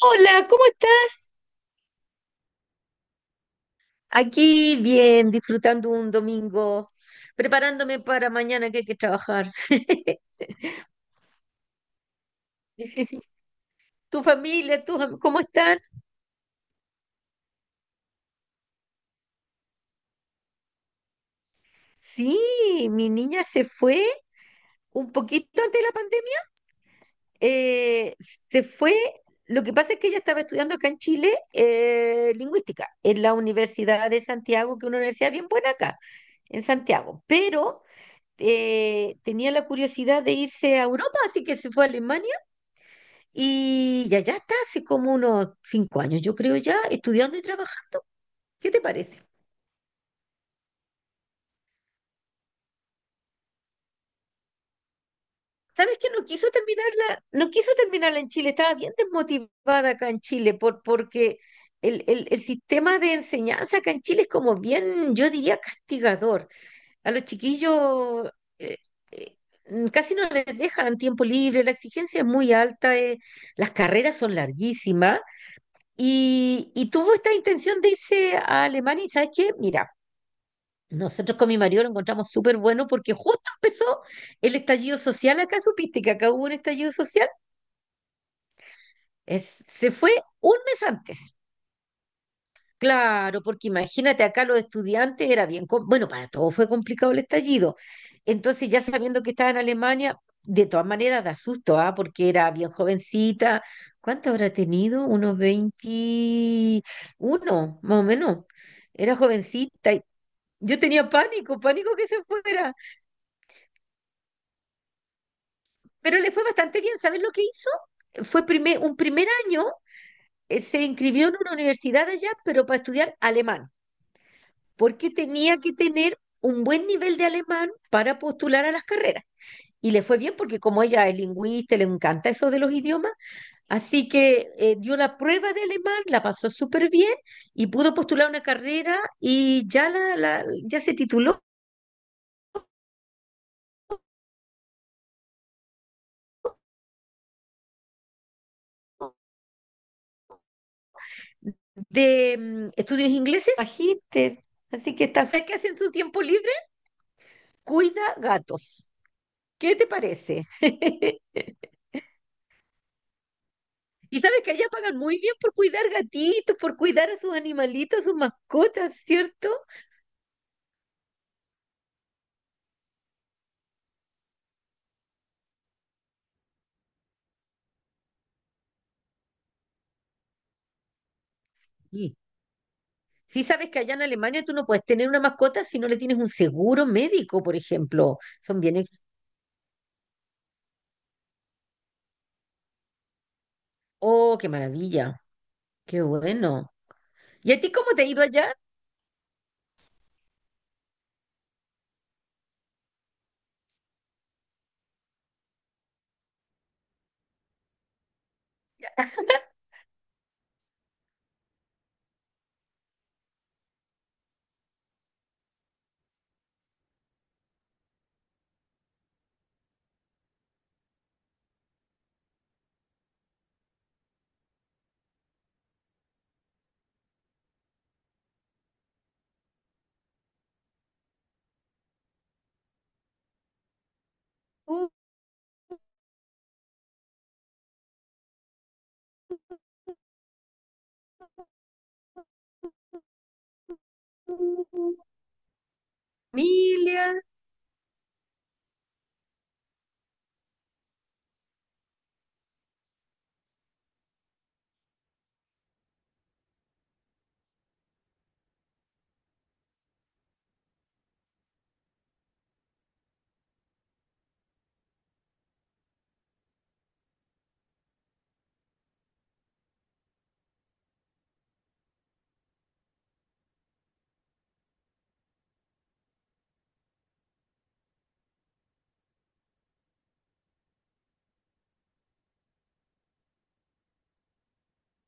Hola, ¿cómo estás? Aquí bien, disfrutando un domingo, preparándome para mañana que hay que trabajar. ¿Tu familia, tus cómo están? Sí, mi niña se fue un poquito antes de la pandemia. eh, Se fue. Lo que pasa es que ella estaba estudiando acá en Chile, lingüística, en la Universidad de Santiago, que es una universidad bien buena acá, en Santiago, pero tenía la curiosidad de irse a Europa, así que se fue a Alemania. Y ya, ya está hace como unos 5 años, yo creo, ya estudiando y trabajando. ¿Qué te parece? ¿Sabes que no quiso terminarla? No quiso terminarla en Chile, estaba bien desmotivada acá en Chile porque el sistema de enseñanza acá en Chile es como bien, yo diría, castigador. A los chiquillos eh, eh, casi no les dejan tiempo libre, la exigencia es muy alta, las carreras son larguísimas y tuvo esta intención de irse a Alemania y ¿sabes qué? Mira. Nosotros con mi marido lo encontramos súper bueno porque justo empezó el estallido social acá, supiste que acá hubo un estallido social. Se fue 1 mes antes. Claro, porque imagínate acá los estudiantes era bien, bueno, para todos fue complicado el estallido. Entonces ya sabiendo que estaba en Alemania, de todas maneras da susto, ¿ah? Porque era bien jovencita. ¿Cuánto habrá tenido? Unos 21, más o menos. Era jovencita. Y yo tenía pánico, pánico que se fuera. Pero le fue bastante bien. ¿Sabes lo que hizo? Fue un primer año, se inscribió en una universidad allá, pero para estudiar alemán, porque tenía que tener un buen nivel de alemán para postular a las carreras. Y le fue bien porque como ella es lingüista, le encanta eso de los idiomas, así que dio la prueba de alemán, la pasó súper bien y pudo postular una carrera y ya, ya se tituló de estudios ingleses, magíster. Así que está... ¿sabes qué hace en su tiempo libre? Cuida gatos. ¿Qué te parece? Y sabes que allá pagan muy bien por cuidar gatitos, por cuidar a sus animalitos, a sus mascotas, ¿cierto? Sí. Sí, sabes que allá en Alemania tú no puedes tener una mascota si no le tienes un seguro médico, por ejemplo. Son bien ex... Oh, qué maravilla. Qué bueno. ¿Y a ti cómo te ha ido allá? Uh, uh, familia.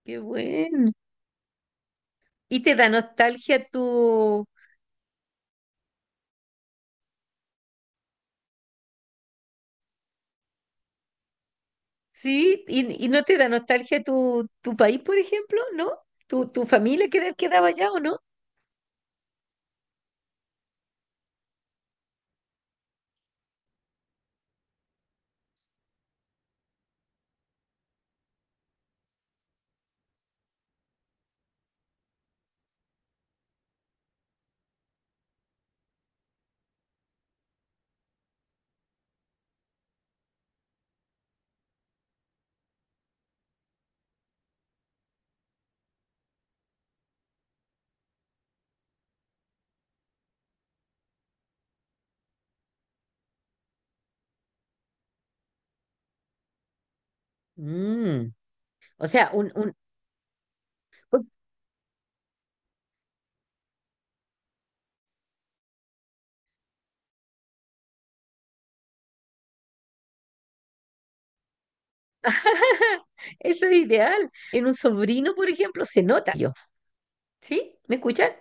Qué bueno. ¿Y te da nostalgia tu... sí? Y no te da nostalgia tu, tu país, por ejemplo? ¿No? ¿Tu, tu quedaba allá o no? Mm, o sea, un- eso es ideal. En un sobrino, por ejemplo, se nota yo. ¿Sí? ¿Me escuchas?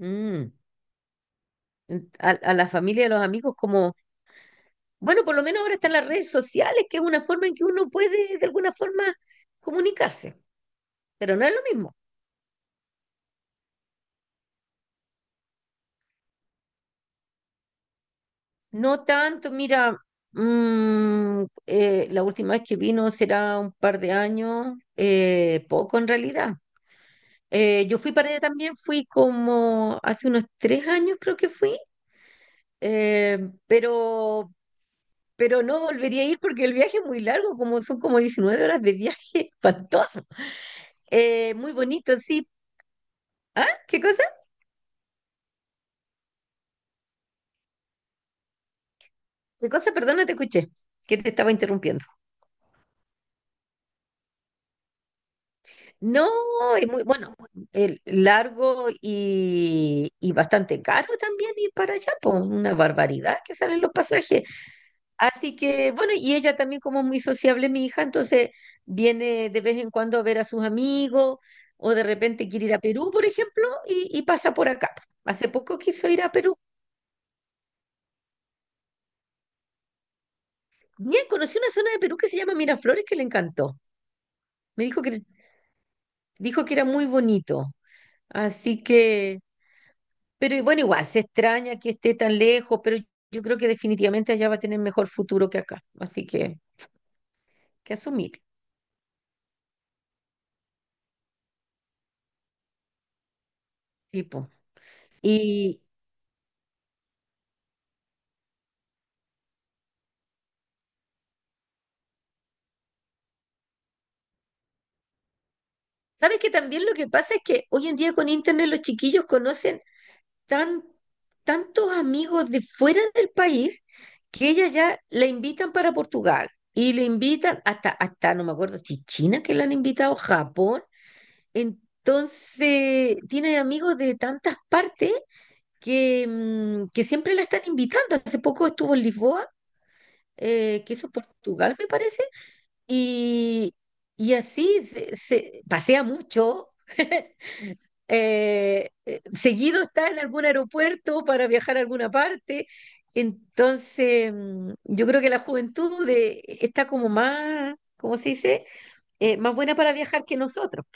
Mm, a la familia y a los amigos como, bueno, por lo menos ahora están las redes sociales, que es una forma en que uno puede de alguna forma comunicarse, pero no es lo mismo. No tanto, mira, la última vez que vino será un par de años, poco en realidad. Yo fui para allá también, fui como hace unos 3 años creo que fui, eh, pero, pero no volvería a ir porque el viaje es muy largo, como son como 19 horas de viaje, espantoso. Muy bonito, sí. ¿Ah? ¿Qué cosa? ¿Qué cosa? Perdón, no te escuché, que te estaba interrumpiendo. No, es muy, bueno, el largo y bastante caro también ir para allá, pues una barbaridad que salen los pasajes. Así que, bueno, y ella también como es muy sociable, mi hija, entonces viene de vez en cuando a ver a sus amigos o de repente quiere ir a Perú, por ejemplo, y pasa por acá. Hace poco quiso ir a Perú. Bien, conocí una zona de Perú que se llama Miraflores que le encantó. Me dijo que, dijo que era muy bonito. Así que... Pero y bueno, igual, se extraña que esté tan lejos, pero yo creo que definitivamente allá va a tener mejor futuro que acá. Así que asumir, tipo. Y sabes que también lo que pasa es que hoy en día con internet los chiquillos conocen tan, tantos amigos de fuera del país que ella ya la invitan para Portugal y le invitan hasta, hasta, no me acuerdo si China que la han invitado, Japón. Entonces, tiene amigos de tantas partes que, que siempre la están invitando. Hace poco estuvo en Lisboa, que eso es Portugal, me parece, y, y así pasea mucho. Seguido está en algún aeropuerto para viajar a alguna parte. Entonces, mm, yo creo que la juventud está como más, ¿cómo se dice? Más buena para viajar que nosotros.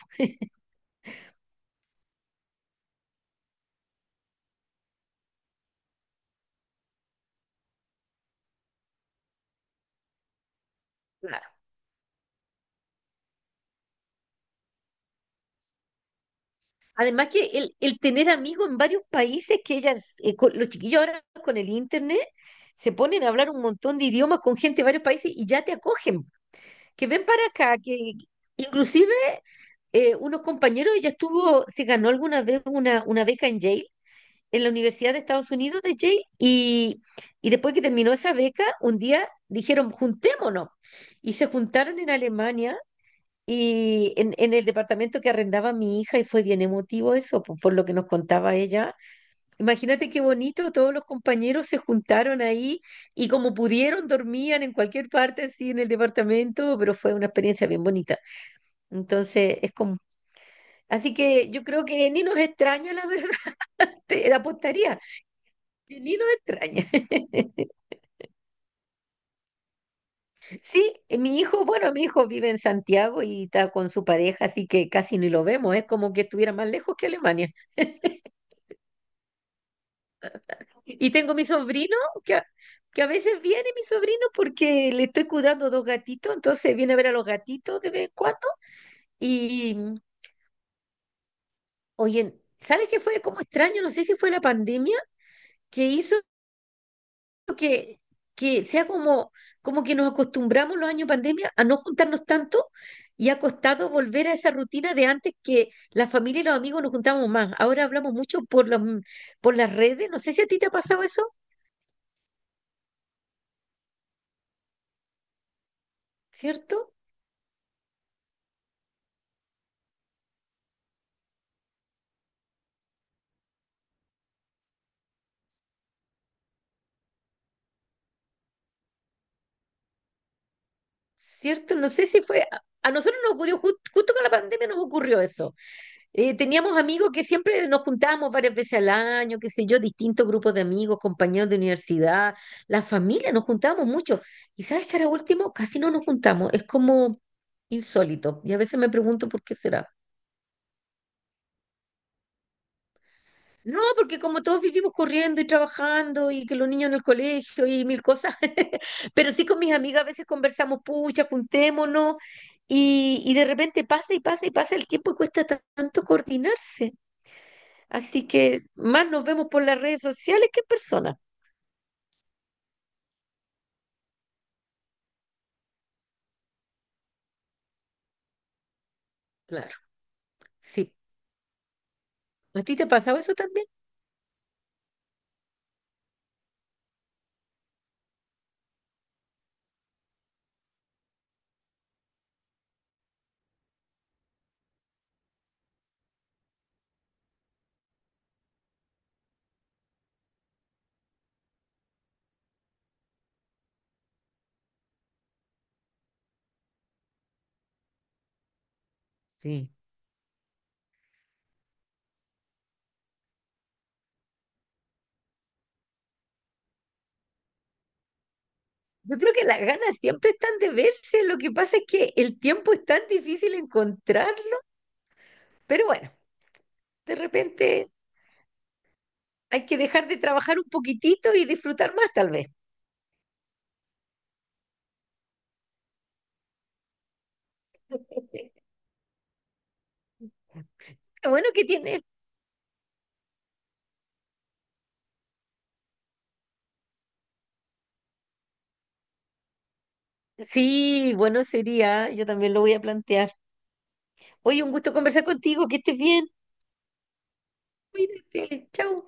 Además que el tener amigos en varios países que ellas, los chiquillos ahora con el internet, se ponen a hablar un montón de idiomas con gente de varios países y ya te acogen, que ven para acá, que inclusive unos compañeros, ella estuvo, se ganó alguna vez una beca en Yale, en la Universidad de Estados Unidos de Yale, y después que terminó esa beca, un día dijeron, juntémonos, y se juntaron en Alemania y en el departamento que arrendaba mi hija, y fue bien emotivo eso, lo que nos contaba ella. Imagínate qué bonito, todos los compañeros se juntaron ahí y como pudieron dormían en cualquier parte así en el departamento, pero fue una experiencia bien bonita. Entonces, es como... Así que yo creo que ni nos extraña, la verdad, te apostaría, que ni nos extraña. Sí, mi hijo, bueno, mi hijo vive en Santiago y está con su pareja, así que casi ni lo vemos, es como que estuviera más lejos que Alemania. Y tengo mi sobrino que a, que a veces viene mi sobrino porque le estoy cuidando 2 gatitos, entonces viene a ver a los gatitos de vez en cuando. Y oye, ¿sabes qué fue como extraño? No sé si fue la pandemia que hizo que, que sea como, como que nos acostumbramos los años pandemia a no juntarnos tanto y ha costado volver a esa rutina de antes que la familia y los amigos nos juntábamos más. Ahora hablamos mucho por las redes. No sé si a ti te ha pasado eso, ¿cierto? ¿Cierto? No sé si fue, a nosotros nos ocurrió, justo con la pandemia nos ocurrió eso. Teníamos amigos que siempre nos juntábamos varias veces al año, qué sé yo, distintos grupos de amigos, compañeros de universidad, la familia, nos juntábamos mucho. Y sabes que ahora último casi no nos juntamos, es como insólito. Y a veces me pregunto por qué será. No, porque como todos vivimos corriendo y trabajando y que los niños en el colegio y mil cosas, pero sí con mis amigas a veces conversamos, pucha, juntémonos y de repente pasa y pasa y pasa el tiempo y cuesta tanto coordinarse. Así que más nos vemos por las redes sociales que en persona. Claro, sí. ¿A ti te ha pasado eso también? Sí. Yo creo que las ganas siempre están de verse, lo que pasa es que el tiempo es tan difícil encontrarlo, pero bueno, de repente hay que dejar de trabajar un poquitito y disfrutar más, tal vez. Qué... Bueno, ¿que tiene? Sí, bueno, sería, yo también lo voy a plantear. Oye, un gusto conversar contigo, que estés bien. Cuídate, chao.